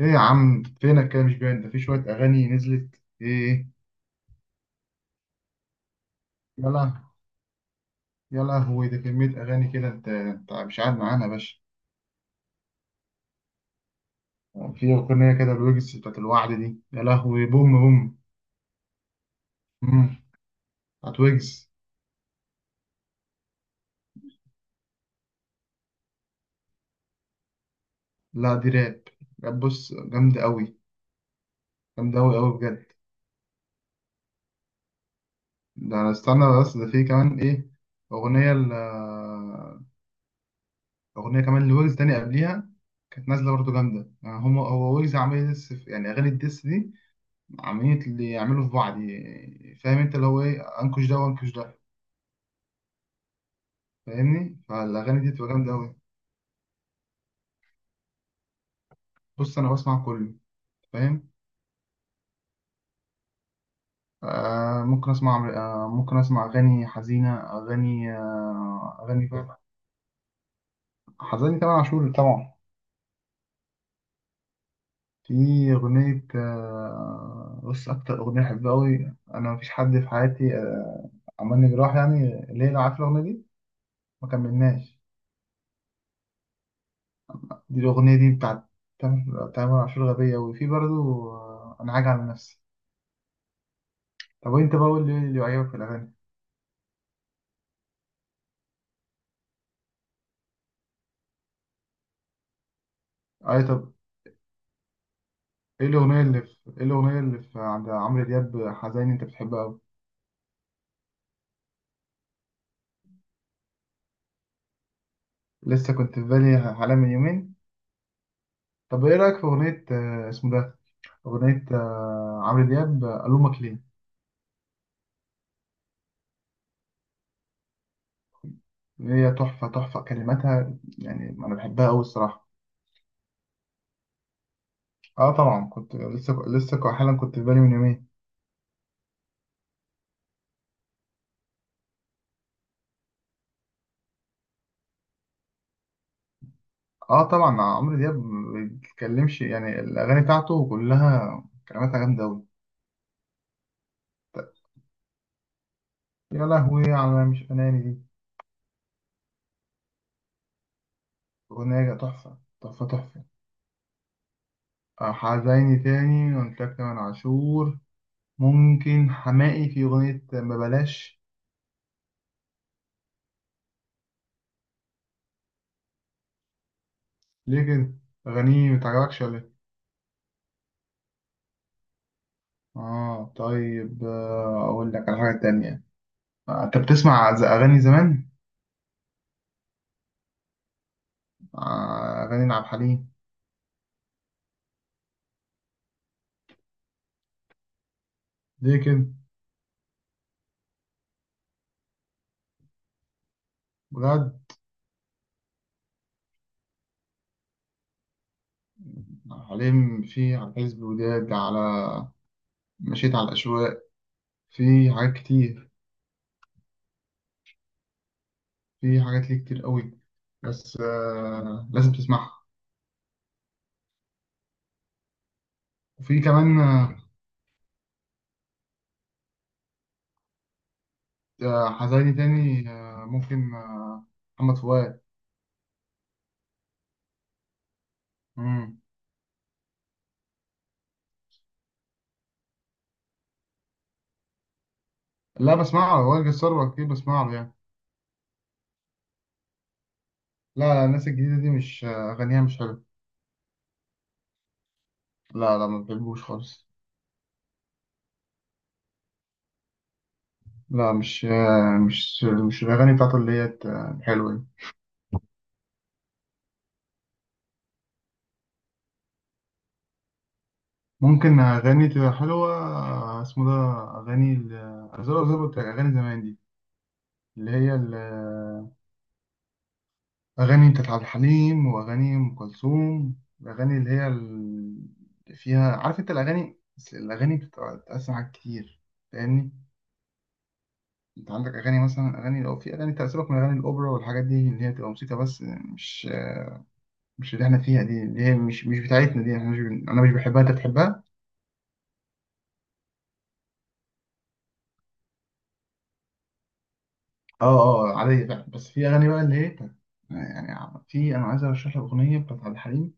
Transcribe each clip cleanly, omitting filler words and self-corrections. ايه يا عم، فينك كده؟ مش باين. ده في شوية أغاني نزلت. ايه؟ يلا، يلا هو ده كمية أغاني كده. انت مش قاعد معانا يا باشا. في أغنية كده الويجز بتاعت الوعد دي، يا لهوي بوم بوم. مم. بتاعت ويجز. لا دي راب. راب، بص جامدة أوي. جامدة أوي أوي بجد. ده أنا استنى، بس ده في كمان ايه؟ أغنية ال أغنية كمان لويجز تاني قبليها، كانت نازلة برضه جامدة. يعني هما، هو ويجز عامل لسه يعني أغاني الديس دي، عاملين اللي يعملوا في بعض. فاهم انت اللي هو ايه؟ انكش ده وانكش ده. فاهمني؟ فالاغاني دي بتبقى جامده قوي. بص انا بسمع كله، فاهم. ممكن اسمع اغاني حزينه، اغاني، اغاني حزينه، تامر عاشور طبعا. في اغنيه، بص اكتر اغنيه بحبها قوي، انا مفيش حد في حياتي، عملني جراح. يعني ليه؟ عارف الاغنيه دي؟ ما كملناش. دي الاغنيه دي بتاعت تامر عاشور، غبيه. وفي برضه، انا عاجي على نفسي. طب وانت بقى قول لي، ايه اللي عجبك في الاغاني؟ اي طب، ايه الاغنيه اللي في عند عمرو دياب حزين انت بتحبها قوي؟ لسه كنت في بالي حالا من يومين. طب ايه رايك في اغنيه، اسمه ده، اغنيه، عمرو دياب، الومك ليه؟ اللي هي تحفه، تحفه كلماتها، يعني انا بحبها قوي الصراحه. اه طبعا كنت حالا كنت في بالي من يومين. اه طبعا عمرو دياب ما بيتكلمش، يعني الاغاني بتاعته كلها كلماتها جامده قوي. يا لهوي على مش اناني دي. أغنية تحفة تحفة تحفة. حزيني تاني قلت لك تامر عاشور. ممكن حماقي في أغنية ما بلاش. ليه كده؟ أغانيه متعجبكش ولا إيه؟ طيب، أقول لك على حاجة تانية. أنت بتسمع أغاني زمان؟ أغاني عبد الحليم. ليه كده؟ بجد؟ عبد الحليم في على حزب وداد، على مشيت على الأشواق، في حاجات كتير. في حاجات ليه كتير قوي. بس لازم تسمعها. وفي كمان، حزيني تاني، ممكن، محمد فؤاد. مم. لا بسمعه، وائل جسار كتير بسمعه يعني. لا لا، الناس الجديدة دي مش، أغانيها مش حلوة. لا لا، ما بحبوش خالص. لا مش، مش الأغاني بتاعته اللي هي، الحلوة دي. ممكن أغاني تبقى حلوة، اسمه ده، زي ما قلت لك، أغاني زمان دي، اللي هي ال- أغاني بتاعت عبد الحليم، وأغاني أم كلثوم. الأغاني اللي هي اللي فيها، عارف أنت الأغاني، بس الأغاني بتتقسم حاجات كتير، فاهمني؟ أنت عندك أغاني مثلا، أغاني، أو في أغاني تأثيرك من أغاني الأوبرا والحاجات دي، اللي هي بتبقى موسيقى بس، مش مش اللي إحنا فيها دي، اللي هي مش بتاعتنا دي. إحنا مش، أنا مش بحبها، أنت بتحبها؟ أه. أه عادية فعلا، بس في أغاني بقى اللي هي يعني في، أنا عايز أرشح لك أغنية بتاعت عبد الحليم،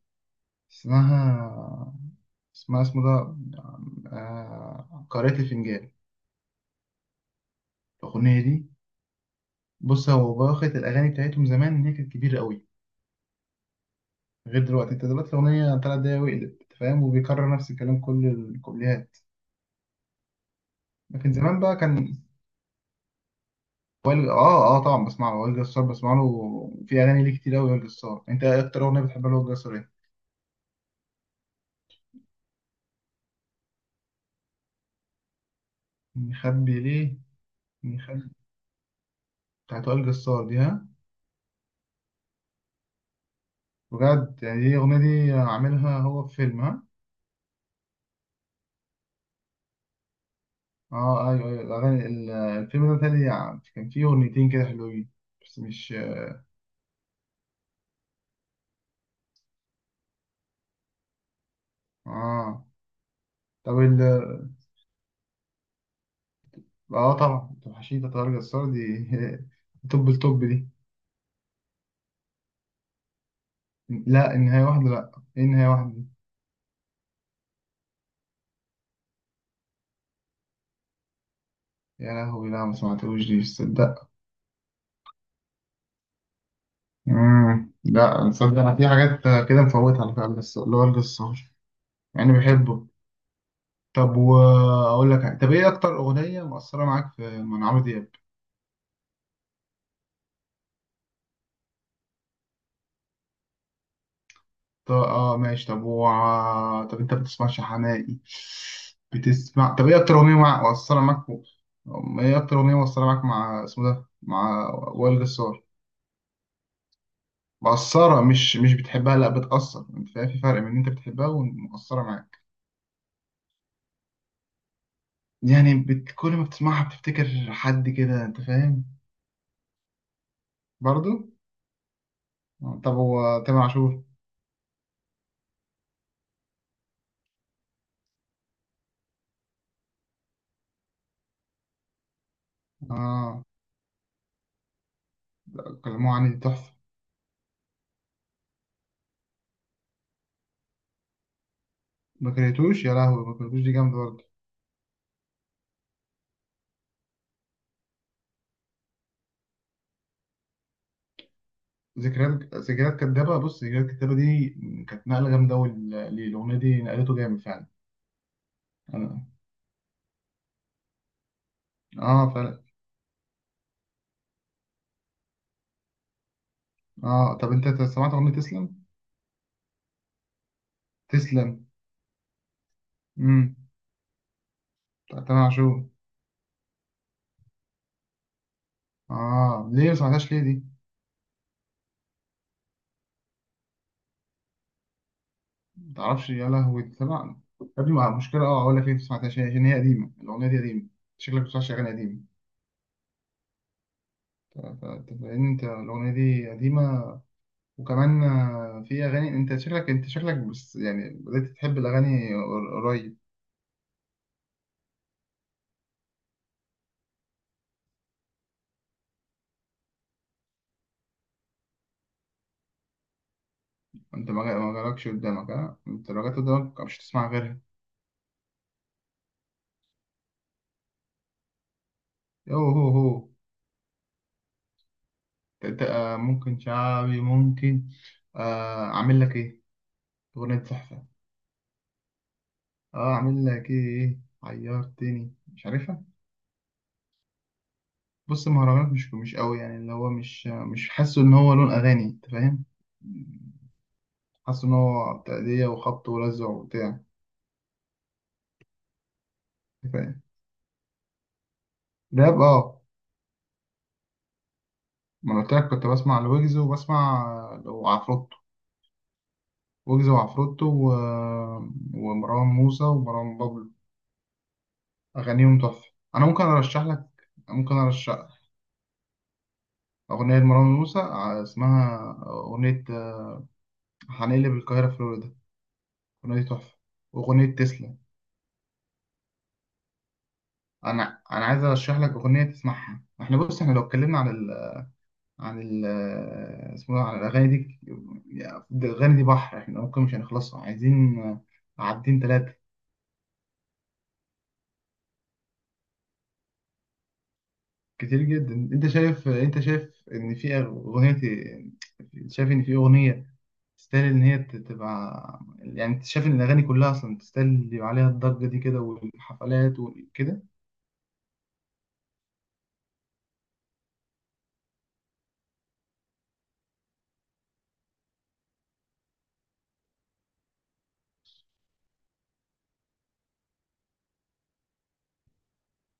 اسمها اسمها اسمه ده، قارئة الفنجان. الأغنية دي، بص هو باخد الأغاني بتاعتهم زمان، إن هي كانت كبيرة قوي، غير دلوقتي. أنت دلوقتي الأغنية 3 دقايق وقلب، أنت فاهم، وبيكرر نفس الكلام كل الكوبليهات. لكن زمان بقى كان، وائل، طبعا بسمع له، وائل جسار بسمع له في أغاني ليه كتير أوي، وائل جسار. أنت إيه أكتر أغنية بتحبها لوائل جسار، إيه؟ مخبي ليه؟ مخبي، بتاعت وائل جسار دي، ها؟ بجد؟ يعني دي الأغنية دي عاملها هو في فيلم، ها؟ أيوه أيوه، الفيلم ده تاني يعني كان فيه أغنيتين كده حلوين، بس مش، آه طب ال، اه طبعا توحشيتا طارق جسار دي. توب التوب دي. لا النهاية واحدة، لا ايه النهاية واحدة دي؟ يا لهوي، لا ما سمعتوش دي، تصدق. لا تصدق، انا في حاجات كده مفوتها على فكرة، بس اللي هو الجسار يعني بحبه. طب واقول لك حاجة. طب ايه اكتر اغنية مؤثرة معاك في من عمرو دياب؟ طب اه ماشي، طب و... طب انت بتسمعش حماقي؟ بتسمع؟ طب ايه اكتر اغنية، مؤثرة معاك، ايه اكتر اغنية مؤثرة معاك مع اسمه ده، مع وائل جسار؟ مقصرة، مش بتحبها، لا بتأثر، انت فاهم؟ في فرق بين ان انت بتحبها ومقصرة معاك. يعني كل ما بتسمعها بتفتكر حد كده، انت فاهم. برضو، طب هو تامر عاشور، اه كلموه عني دي تحفة. ما كرهتوش، يا لهوي ما كرهتوش دي جامدة برضه. ذكريات كدابة، بص ذكريات كدابة دي كانت نقلة جامدة أوي للأغنية دي، نقلته جامد فعلا. اه، فعلا. اه طب انت سمعت أغنية تسلم؟ تسلم. امم. بتاعت تامر عاشور. اه، ليه ما سمعتهاش ليه دي؟ ما تعرفش؟ يا لهوي تسمع. يا ابني مع مشكلة، اه اقول لك ايه، ما سمعتهاش عشان هي قديمة، الأغنية دي قديمة. شكلك ما بتسمعش أغاني قديمة. ف- ف- لأن أنت الأغنية دي قديمة، وكمان في أغاني. أنت شكلك، بس يعني بدأت تحب الأغاني، قريب. أنت ما جالكش قدامك، ها؟ أنت لو جت قدامك مش هتسمع غيرها. يو هو هو. أنت ممكن شعبي، ممكن، أعمل لك إيه، أغنية تحفة. أعمل لك إيه عيرتني، مش عارفها. بص المهرجانات مش قوي، يعني اللي هو مش حاسه ان هو لون اغاني، انت فاهم؟ حاسه ان هو تأدية وخبط ولزع وبتاع، انت فاهم. راب اه، ما أنا قلت لك كنت بسمع لويجز، وبسمع وعفروتو، ويجز وعفروتو و... ومروان موسى ومروان بابلو، اغانيهم تحفة. انا ممكن ارشح لك، ممكن ارشح اغنية مروان موسى، اسمها، اغنية هنقلب القاهرة فلوريدا، اغنية تحفة، واغنية تسلا. انا عايز ارشح لك اغنيه تسمعها. احنا بص، احنا لو اتكلمنا عن ال اسمه ده، عن الاغاني دي، ده الاغاني دي بحر، احنا ممكن مش هنخلصها، عايزين عدين ثلاثه. كتير جدا. انت شايف ان في اغنيه، شايف ان في اغنيه تستاهل ان هي تبقى، يعني انت شايف ان الاغاني كلها اصلا تستاهل اللي يبقى عليها الضجه دي كده والحفلات وكده؟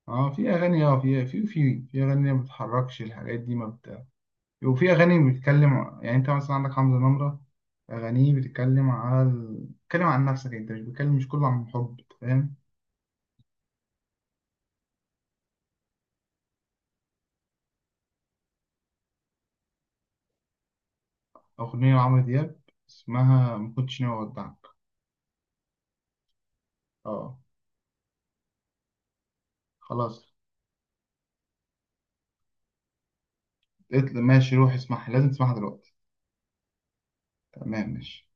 اه في اغاني، في اغاني ما بتتحركش الحاجات دي، ما بت وفي أغاني بتتكلم يعني. أنت مثلا عندك حمزة نمرة، أغانيه بتتكلم على بتتكلم عن نفسك أنت، مش بتتكلم مش كله عن حب، فاهم. أغنية لعمرو دياب، اسمها ما كنتش ناوي أودعك. أه. خلاص. ماشي روح اسمعها، لازم تسمعها دلوقتي. تمام ماشي.